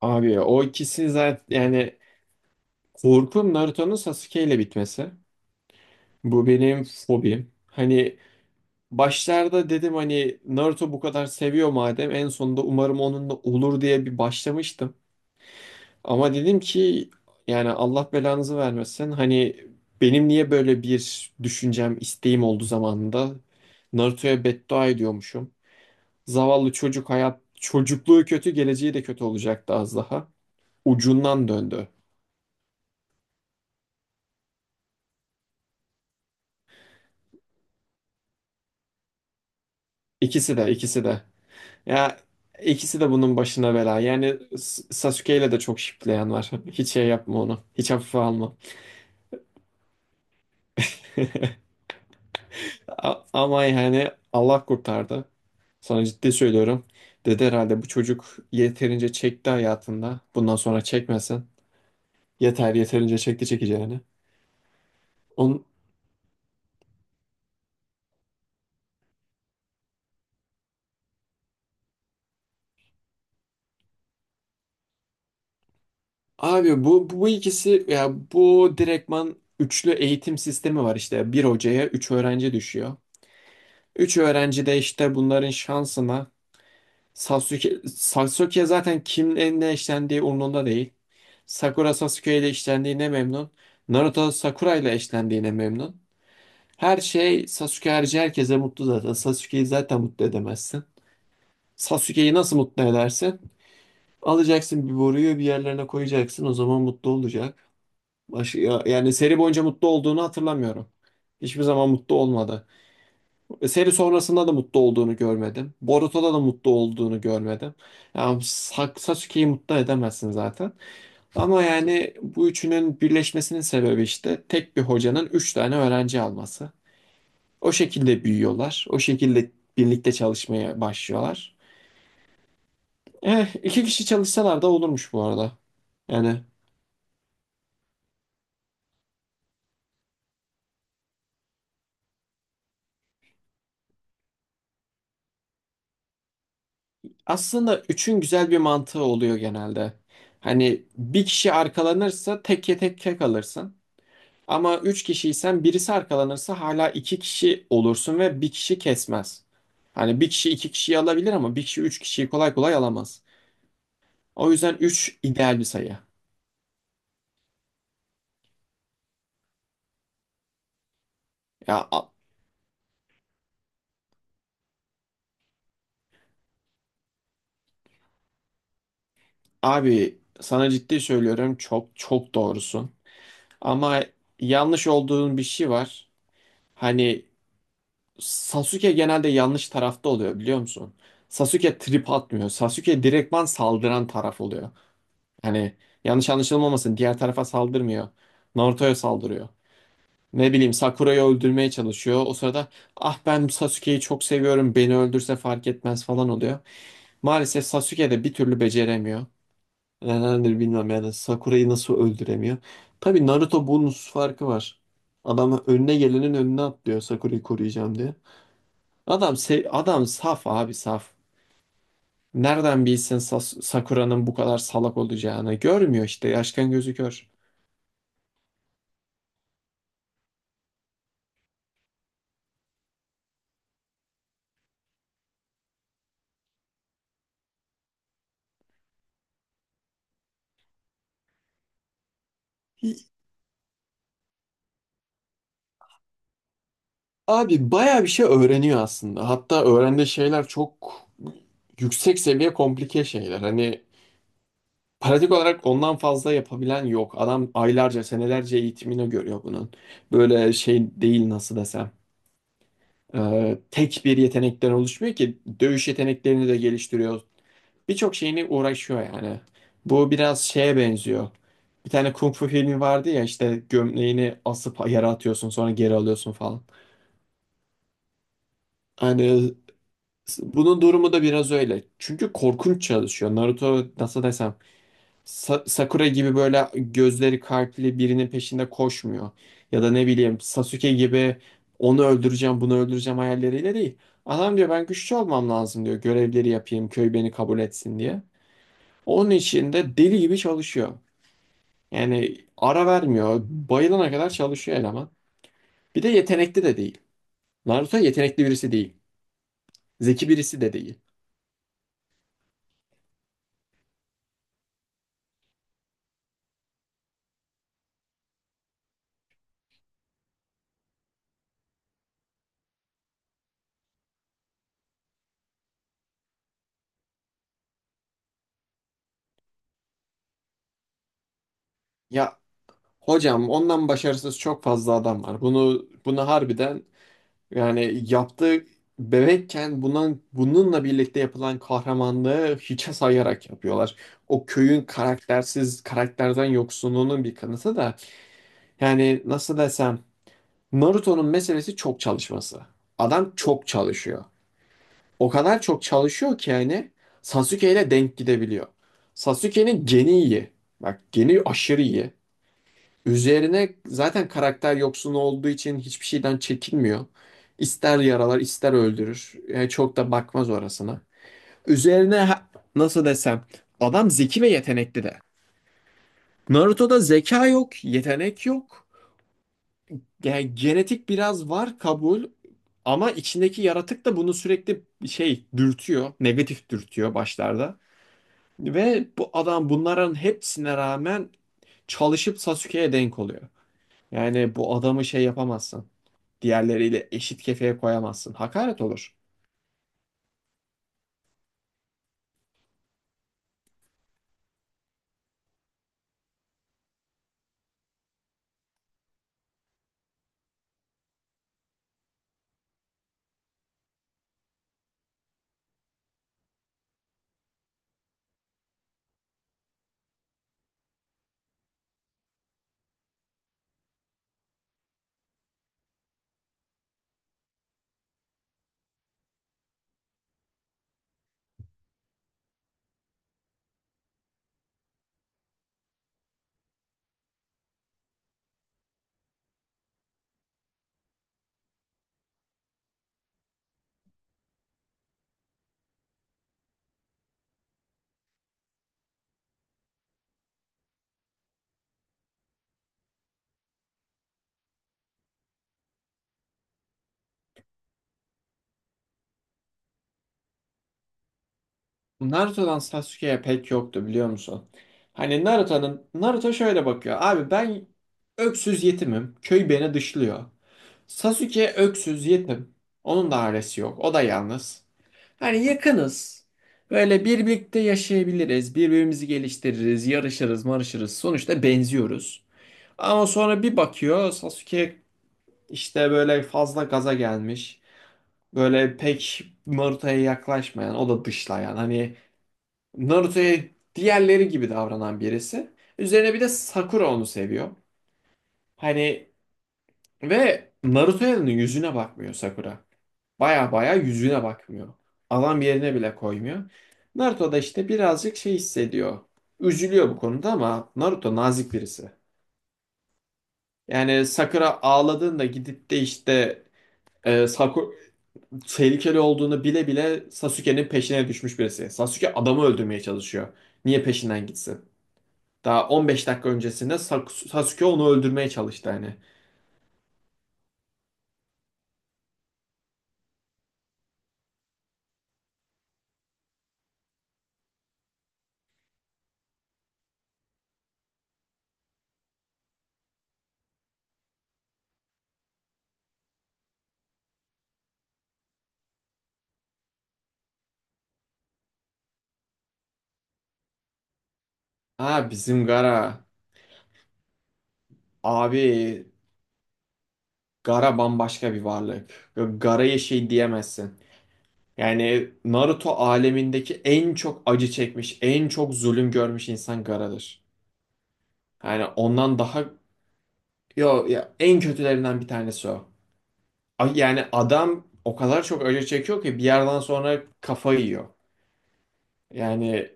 Abi o ikisi zaten yani korkum Naruto'nun Sasuke ile bitmesi. Bu benim fobim. Hani başlarda dedim hani Naruto bu kadar seviyor madem en sonunda umarım onunla olur diye bir başlamıştım. Ama dedim ki yani Allah belanızı vermesin. Hani benim niye böyle bir düşüncem, isteğim oldu zamanında. Naruto'ya beddua ediyormuşum. Zavallı çocuk hayat, çocukluğu kötü, geleceği de kötü olacaktı az daha. Ucundan döndü. İkisi de, ikisi de. Ya ikisi de bunun başına bela. Yani Sasuke ile de çok şipleyen var. Hiç şey yapma onu. Hiç hafife alma. Ama yani Allah kurtardı. Sana ciddi söylüyorum. Dedi herhalde bu çocuk yeterince çekti hayatında. Bundan sonra çekmesin. Yeterince çekti çekeceğini. On abi bu ikisi ya bu direktman üçlü eğitim sistemi var işte. Bir hocaya üç öğrenci düşüyor. Üç öğrenci de işte bunların şansına Sasuke zaten kimle ne eşlendiği umurunda değil. Sakura Sasuke ile eşlendiğine memnun. Naruto Sakura ile eşlendiğine memnun. Her şey Sasuke harici herkese mutlu zaten. Sasuke'yi zaten mutlu edemezsin. Sasuke'yi nasıl mutlu edersin? Alacaksın bir boruyu bir yerlerine koyacaksın. O zaman mutlu olacak. Yani seri boyunca mutlu olduğunu hatırlamıyorum. Hiçbir zaman mutlu olmadı. Seri sonrasında da mutlu olduğunu görmedim. Boruto'da da mutlu olduğunu görmedim. Yani Sasuke'yi mutlu edemezsin zaten. Ama yani bu üçünün birleşmesinin sebebi işte tek bir hocanın üç tane öğrenci alması. O şekilde büyüyorlar. O şekilde birlikte çalışmaya başlıyorlar. İki kişi çalışsalar da olurmuş bu arada. Yani aslında üçün güzel bir mantığı oluyor genelde. Hani bir kişi arkalanırsa tek kalırsın. Ama üç kişiysen birisi arkalanırsa hala iki kişi olursun ve bir kişi kesmez. Hani bir kişi iki kişiyi alabilir ama bir kişi üç kişiyi kolay kolay alamaz. O yüzden üç ideal bir sayı. Ya a- abi sana ciddi söylüyorum çok doğrusun. Ama yanlış olduğun bir şey var. Hani Sasuke genelde yanlış tarafta oluyor biliyor musun? Sasuke trip atmıyor. Sasuke direktman saldıran taraf oluyor. Hani yanlış anlaşılmamasın diğer tarafa saldırmıyor. Naruto'ya saldırıyor. Ne bileyim Sakura'yı öldürmeye çalışıyor. O sırada ah ben Sasuke'yi çok seviyorum beni öldürse fark etmez falan oluyor. Maalesef Sasuke de bir türlü beceremiyor. Nedendir bilmem yani Sakura'yı nasıl öldüremiyor. Tabii Naruto bunun farkı var. Adam önüne gelenin önüne atlıyor Sakura'yı koruyacağım diye. Adam saf abi saf. Nereden bilsin Sakura'nın bu kadar salak olacağını? Görmüyor işte yaşkan gözü kör. Abi bayağı bir şey öğreniyor aslında. Hatta öğrendiği şeyler çok yüksek seviye komplike şeyler. Hani pratik olarak ondan fazla yapabilen yok. Adam aylarca, senelerce eğitimini görüyor bunun. Böyle şey değil nasıl desem. Tek bir yetenekten oluşmuyor ki. Dövüş yeteneklerini de geliştiriyor. Birçok şeyini uğraşıyor yani. Bu biraz şeye benziyor. Bir tane kung fu filmi vardı ya işte gömleğini asıp yere atıyorsun sonra geri alıyorsun falan. Hani Bunun durumu da biraz öyle. Çünkü korkunç çalışıyor. Naruto nasıl desem Sakura gibi böyle gözleri kalpli birinin peşinde koşmuyor. Ya da ne bileyim Sasuke gibi onu öldüreceğim bunu öldüreceğim hayalleriyle değil. Adam diyor ben güçlü olmam lazım diyor. Görevleri yapayım köy beni kabul etsin diye. Onun için de deli gibi çalışıyor. Yani ara vermiyor. Bayılana kadar çalışıyor eleman. Bir de yetenekli de değil. Naruto yetenekli birisi değil. Zeki birisi de değil. Ya hocam ondan başarısız çok fazla adam var. Bunu harbiden yani yaptığı bebekken bunun, bununla birlikte yapılan kahramanlığı hiçe sayarak yapıyorlar. O köyün karaktersiz, karakterden yoksunluğunun bir kanıtı da yani nasıl desem Naruto'nun meselesi çok çalışması. Adam çok çalışıyor. O kadar çok çalışıyor ki yani Sasuke ile denk gidebiliyor. Sasuke'nin geni iyi. Bak geni aşırı iyi. Üzerine zaten karakter yoksun olduğu için hiçbir şeyden çekinmiyor. İster yaralar, ister öldürür. Yani çok da bakmaz orasına. Üzerine ha- nasıl desem adam zeki ve yetenekli de. Naruto'da zeka yok, yetenek yok. Yani genetik biraz var kabul ama içindeki yaratık da bunu sürekli dürtüyor, negatif dürtüyor başlarda. Ve bu adam bunların hepsine rağmen çalışıp Sasuke'ye denk oluyor. Yani bu adamı şey yapamazsın. Diğerleriyle eşit kefeye koyamazsın. Hakaret olur. Naruto'dan Sasuke'ye pek yoktu biliyor musun? Hani Naruto şöyle bakıyor. Abi ben öksüz yetimim. Köy beni dışlıyor. Sasuke öksüz yetim. Onun da ailesi yok. O da yalnız. Hani yakınız. Böyle birlikte yaşayabiliriz. Birbirimizi geliştiririz. Yarışırız, marışırız. Sonuçta benziyoruz. Ama sonra bir bakıyor Sasuke işte böyle fazla gaza gelmiş. Böyle pek Naruto'ya yaklaşmayan, o da dışlayan. Hani Naruto'ya diğerleri gibi davranan birisi. Üzerine bir de Sakura onu seviyor. Hani ve Naruto'nun yüzüne bakmıyor Sakura. Baya baya yüzüne bakmıyor. Adam yerine bile koymuyor. Naruto da işte birazcık şey hissediyor. Üzülüyor bu konuda ama Naruto nazik birisi. Yani Sakura ağladığında gidip de işte e, Saku- tehlikeli olduğunu bile bile Sasuke'nin peşine düşmüş birisi. Sasuke adamı öldürmeye çalışıyor. Niye peşinden gitsin? Daha 15 dakika öncesinde Sasuke onu öldürmeye çalıştı hani. Ha bizim Gara. Abi Gara bambaşka bir varlık. Gara'ya şey diyemezsin. Yani Naruto alemindeki en çok acı çekmiş, en çok zulüm görmüş insan Gara'dır. Yani ondan daha yo ya en kötülerinden bir tanesi o. Yani adam o kadar çok acı çekiyor ki bir yerden sonra kafayı yiyor. Yani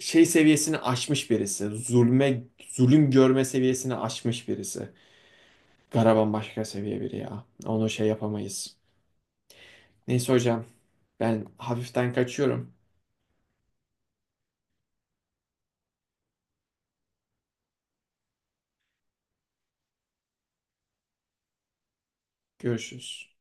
şey seviyesini aşmış birisi. Zulme, zulüm görme seviyesini aşmış birisi. Garaban başka seviye biri ya. Onu şey yapamayız. Neyse hocam ben hafiften kaçıyorum. Görüşürüz.